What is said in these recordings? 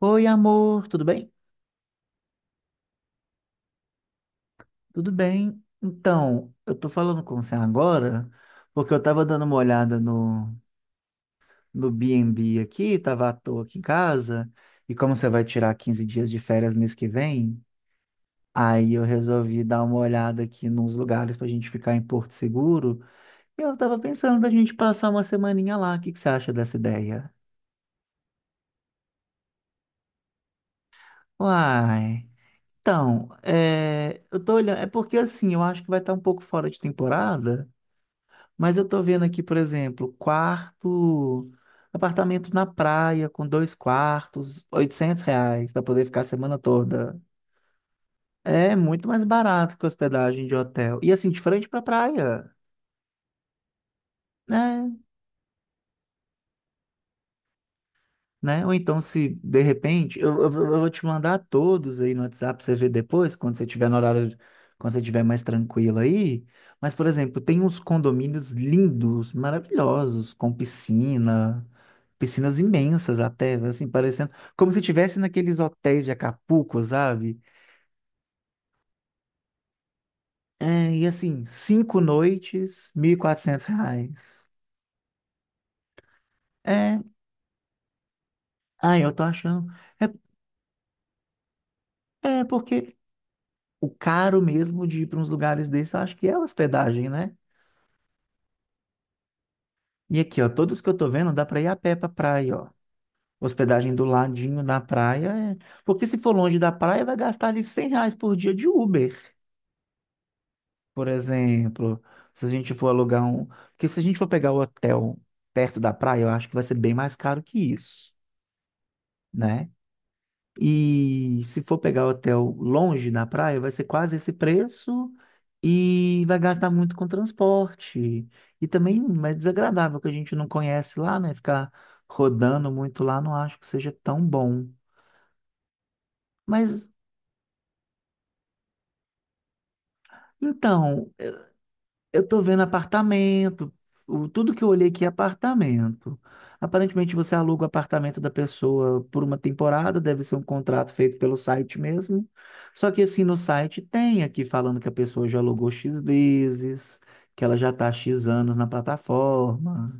Oi, amor, tudo bem? Tudo bem. Então, eu tô falando com você agora porque eu tava dando uma olhada no B&B aqui, tava à toa aqui em casa, e como você vai tirar 15 dias de férias mês que vem, aí eu resolvi dar uma olhada aqui nos lugares pra gente ficar em Porto Seguro, e eu tava pensando da gente passar uma semaninha lá. O que que você acha dessa ideia? Uai. Então, é, eu tô olhando, é porque assim, eu acho que vai estar um pouco fora de temporada. Mas eu tô vendo aqui, por exemplo, quarto, apartamento na praia com dois quartos, R$ 800 para poder ficar a semana toda. É muito mais barato que hospedagem de hotel. E assim, de frente pra praia, né? né? Ou então, se de repente, eu vou te mandar todos aí no WhatsApp pra você ver depois, quando você tiver no horário, quando você tiver mais tranquilo aí. Mas, por exemplo, tem uns condomínios lindos, maravilhosos, com piscina, piscinas imensas até, assim, parecendo como se tivesse naqueles hotéis de Acapulco, sabe? É, e assim, 5 noites, R$ 1.400. É, ah, eu tô achando. É porque o caro mesmo de ir para uns lugares desses, eu acho que é hospedagem, né? E aqui, ó, todos que eu tô vendo, dá para ir a pé pra praia, ó. Hospedagem do ladinho da praia. Porque se for longe da praia, vai gastar ali R$ 100 por dia de Uber, por exemplo. Se a gente for alugar um. Porque se a gente for pegar o hotel perto da praia, eu acho que vai ser bem mais caro que isso, né? E se for pegar hotel longe na praia, vai ser quase esse preço e vai gastar muito com transporte. E também é desagradável que a gente não conhece lá, né? Ficar rodando muito lá, não acho que seja tão bom. Mas então, eu tô vendo apartamento, tudo que eu olhei aqui é apartamento. Aparentemente você aluga o apartamento da pessoa por uma temporada, deve ser um contrato feito pelo site mesmo. Só que assim no site tem aqui falando que a pessoa já alugou X vezes, que ela já tá há X anos na plataforma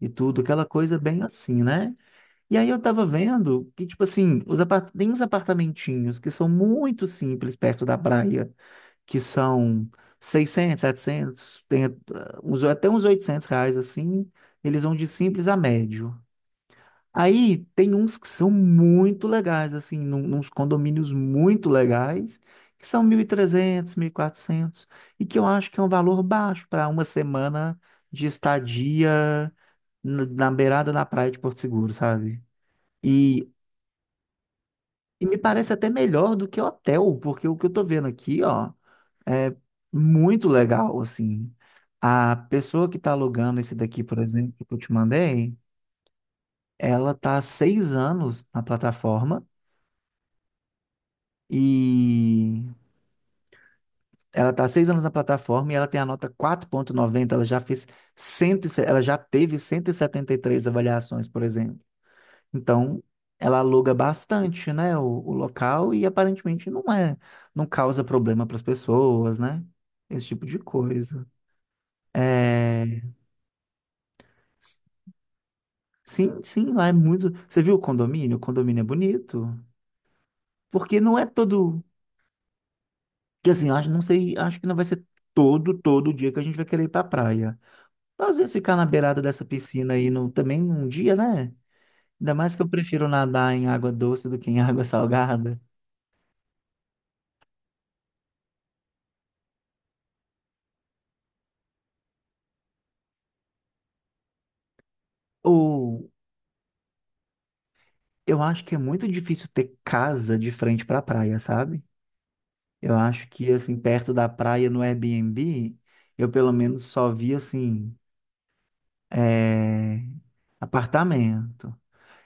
e tudo, aquela coisa bem assim, né? E aí eu tava vendo que, tipo assim, tem uns apartamentinhos que são muito simples perto da praia que são 600, 700, tem uns, até uns R$ 800 assim, eles vão de simples a médio. Aí tem uns que são muito legais, assim, uns condomínios muito legais, que são 1.300, 1.400, e quatrocentos, e que eu acho que é um valor baixo para uma semana de estadia na beirada da praia de Porto Seguro, sabe? E, e me parece até melhor do que hotel, porque o que eu tô vendo aqui, ó. É muito legal, assim. A pessoa que está alugando esse daqui, por exemplo, que eu te mandei, ela tá há 6 anos na plataforma e ela tá há seis anos na plataforma e ela tem a nota 4,90 ela já teve cento e setenta e três avaliações, por exemplo. Então, ela aluga bastante, né, o local e aparentemente não causa problema para as pessoas, né? Esse tipo de coisa. É... Sim, sim, lá é muito. Você viu o condomínio? O condomínio é bonito. Porque não é todo. Que assim, eu acho, não sei, acho que não vai ser todo dia que a gente vai querer ir pra praia. Às vezes ficar na beirada dessa piscina aí no, também um dia, né? Ainda mais que eu prefiro nadar em água doce do que em água salgada. Ou eu acho que é muito difícil ter casa de frente pra praia, sabe? Eu acho que, assim, perto da praia no Airbnb, eu pelo menos só vi, assim, é... apartamento.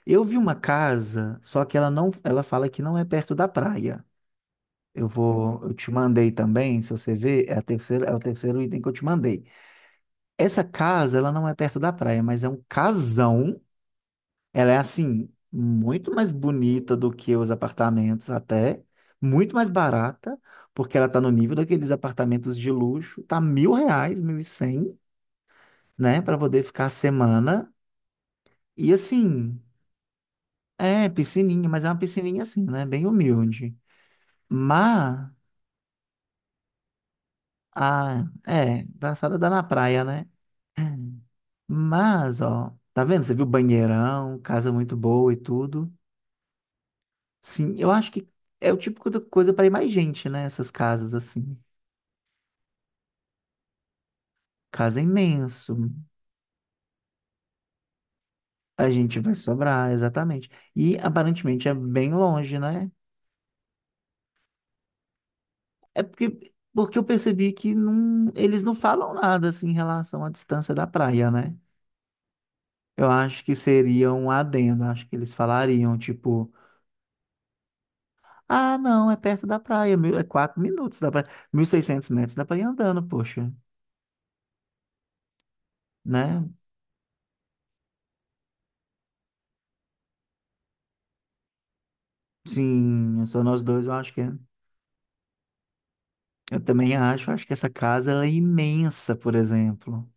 Eu vi uma casa, só que ela não, ela fala que não é perto da praia. Eu te mandei também, se você ver, é o terceiro item que eu te mandei. Essa casa, ela não é perto da praia, mas é um casão. Ela é assim, muito mais bonita do que os apartamentos até, muito mais barata, porque ela tá no nível daqueles apartamentos de luxo, tá R$ 1.000, 1.100, né, para poder ficar a semana. E assim, é piscininha, mas é uma piscininha assim, né, bem humilde. Mas, ah, é, braçada dá na praia, né? Mas, ó, tá vendo? Você viu banheirão, casa muito boa e tudo. Sim, eu acho que é o tipo de coisa para ir mais gente, né? Essas casas assim. Casa é imenso. A gente vai sobrar, exatamente. E aparentemente é bem longe, né? É porque eu percebi que não, eles não falam nada assim em relação à distância da praia, né? Eu acho que seria um adendo, acho que eles falariam, tipo. Ah, não, é perto da praia, é 4 minutos da praia, 1.600 metros, dá pra ir andando, poxa, né? Sim, só nós dois, eu acho que é. Eu também acho que essa casa, ela é imensa, por exemplo.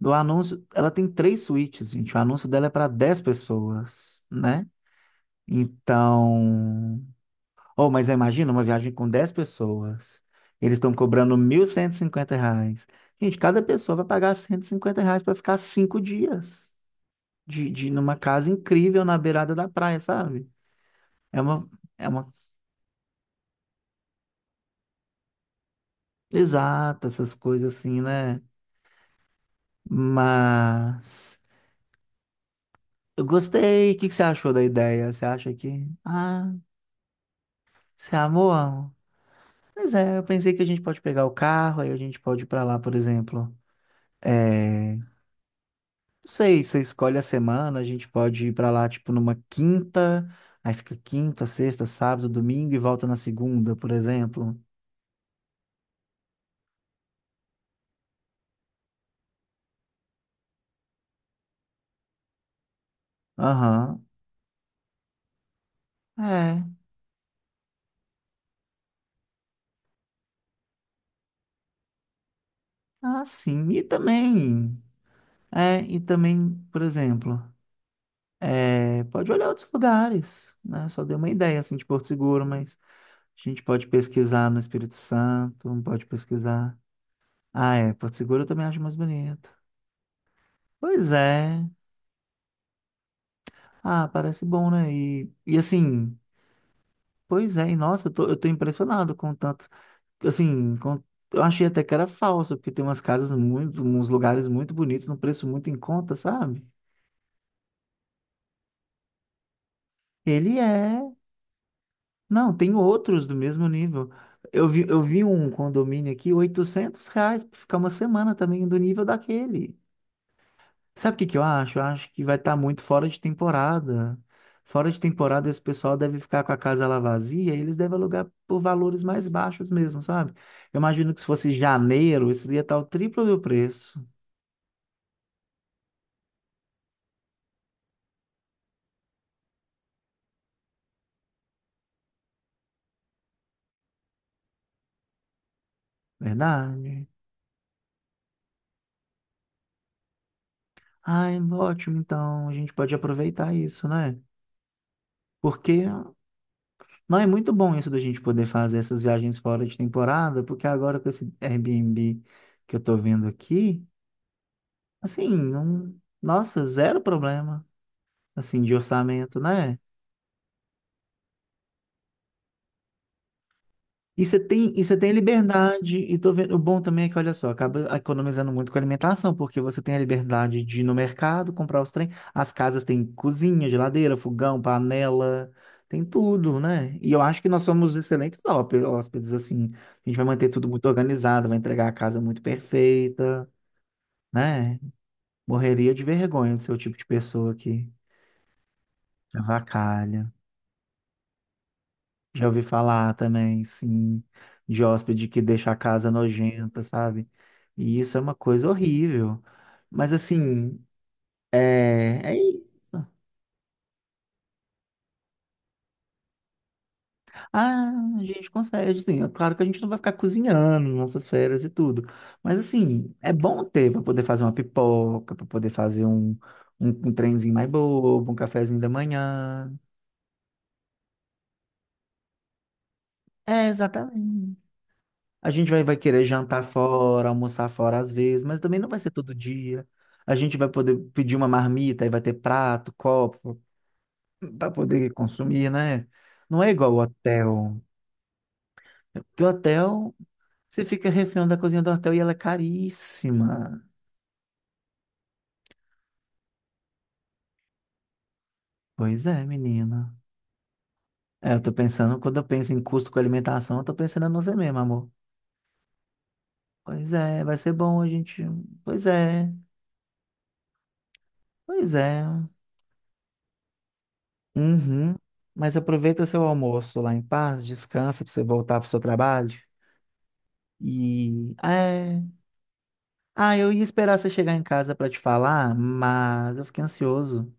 Do anúncio, ela tem três suítes, gente, o anúncio dela é para 10 pessoas, né? Então, oh, mas imagina uma viagem com 10 pessoas, eles estão cobrando R$ 1.150. Gente, cada pessoa vai pagar R$ 150 para ficar 5 dias. De numa casa incrível na beirada da praia, sabe? É uma, é uma exata, essas coisas assim, né? Mas eu gostei. O que que você achou da ideia? Você acha que, você amou? Amor? Pois é, eu pensei que a gente pode pegar o carro, aí a gente pode ir pra lá, por exemplo. É, não sei, você escolhe a semana, a gente pode ir pra lá, tipo, numa quinta, aí fica quinta, sexta, sábado, domingo e volta na segunda, por exemplo. Aham. É. Ah, sim. E também, por exemplo, pode olhar outros lugares, né? Só dei uma ideia, assim, de Porto Seguro, mas a gente pode pesquisar no Espírito Santo, pode pesquisar. Ah, é, Porto Seguro eu também acho mais bonito. Pois é. Ah, parece bom, né? E assim, pois é, e nossa, eu tô impressionado com tanto, assim, eu achei até que era falso, porque tem umas casas muito, uns lugares muito bonitos, num preço muito em conta, sabe? Ele é Não, tem outros do mesmo nível. Eu vi um condomínio aqui, R$ 800 para ficar uma semana também do nível daquele. Sabe o que que eu acho? Eu acho que vai estar muito fora de temporada. Fora de temporada, esse pessoal deve ficar com a casa lá vazia e eles devem alugar por valores mais baixos mesmo, sabe? Eu imagino que se fosse janeiro, isso ia estar o triplo do preço. Verdade? Ai, ótimo. Então, a gente pode aproveitar isso, né? Porque Não, é muito bom isso da gente poder fazer essas viagens fora de temporada, porque agora com esse Airbnb que eu tô vendo aqui, assim, não... nossa, zero problema, assim, de orçamento, né? E você tem liberdade, e tô vendo, o bom também é que, olha só, acaba economizando muito com alimentação, porque você tem a liberdade de ir no mercado, comprar os trem, as casas têm cozinha, geladeira, fogão, panela, tem tudo, né? E eu acho que nós somos excelentes hóspedes, assim, a gente vai manter tudo muito organizado, vai entregar a casa muito perfeita, né? Morreria de vergonha de ser o tipo de pessoa que avacalha. Já ouvi falar também, sim, de hóspede que deixa a casa nojenta, sabe? E isso é uma coisa horrível. Mas assim, é isso. Ah, a gente consegue, assim, é claro que a gente não vai ficar cozinhando nas nossas férias e tudo. Mas assim, é bom ter para poder fazer uma pipoca, para poder fazer um trenzinho mais bobo, um cafezinho da manhã. É, exatamente. A gente vai querer jantar fora, almoçar fora às vezes, mas também não vai ser todo dia. A gente vai poder pedir uma marmita e vai ter prato, copo, para poder consumir, né? Não é igual o hotel. Porque o hotel, você fica refém da cozinha do hotel e ela é caríssima. Pois é, menina. É, eu tô pensando, quando eu penso em custo com alimentação, eu tô pensando em você mesmo, amor. Pois é, vai ser bom a gente. Pois é, pois é. Uhum. Mas aproveita seu almoço lá em paz, descansa para você voltar para seu trabalho. E eu ia esperar você chegar em casa para te falar, mas eu fiquei ansioso.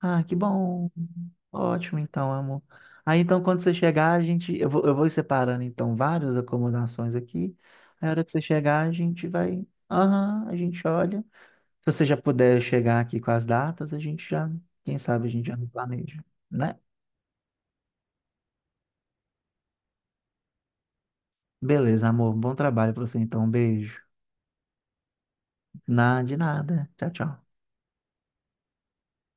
Ah, que bom. Ótimo, então, amor. Aí, então, quando você chegar, a gente. Eu vou separando, então, várias acomodações aqui. Aí, a hora que você chegar, a gente vai. Aham, a gente olha. Se você já puder chegar aqui com as datas, a gente já. Quem sabe a gente já não planeja, né? Beleza, amor. Bom trabalho pra você, então. Um beijo. De nada. Tchau, tchau.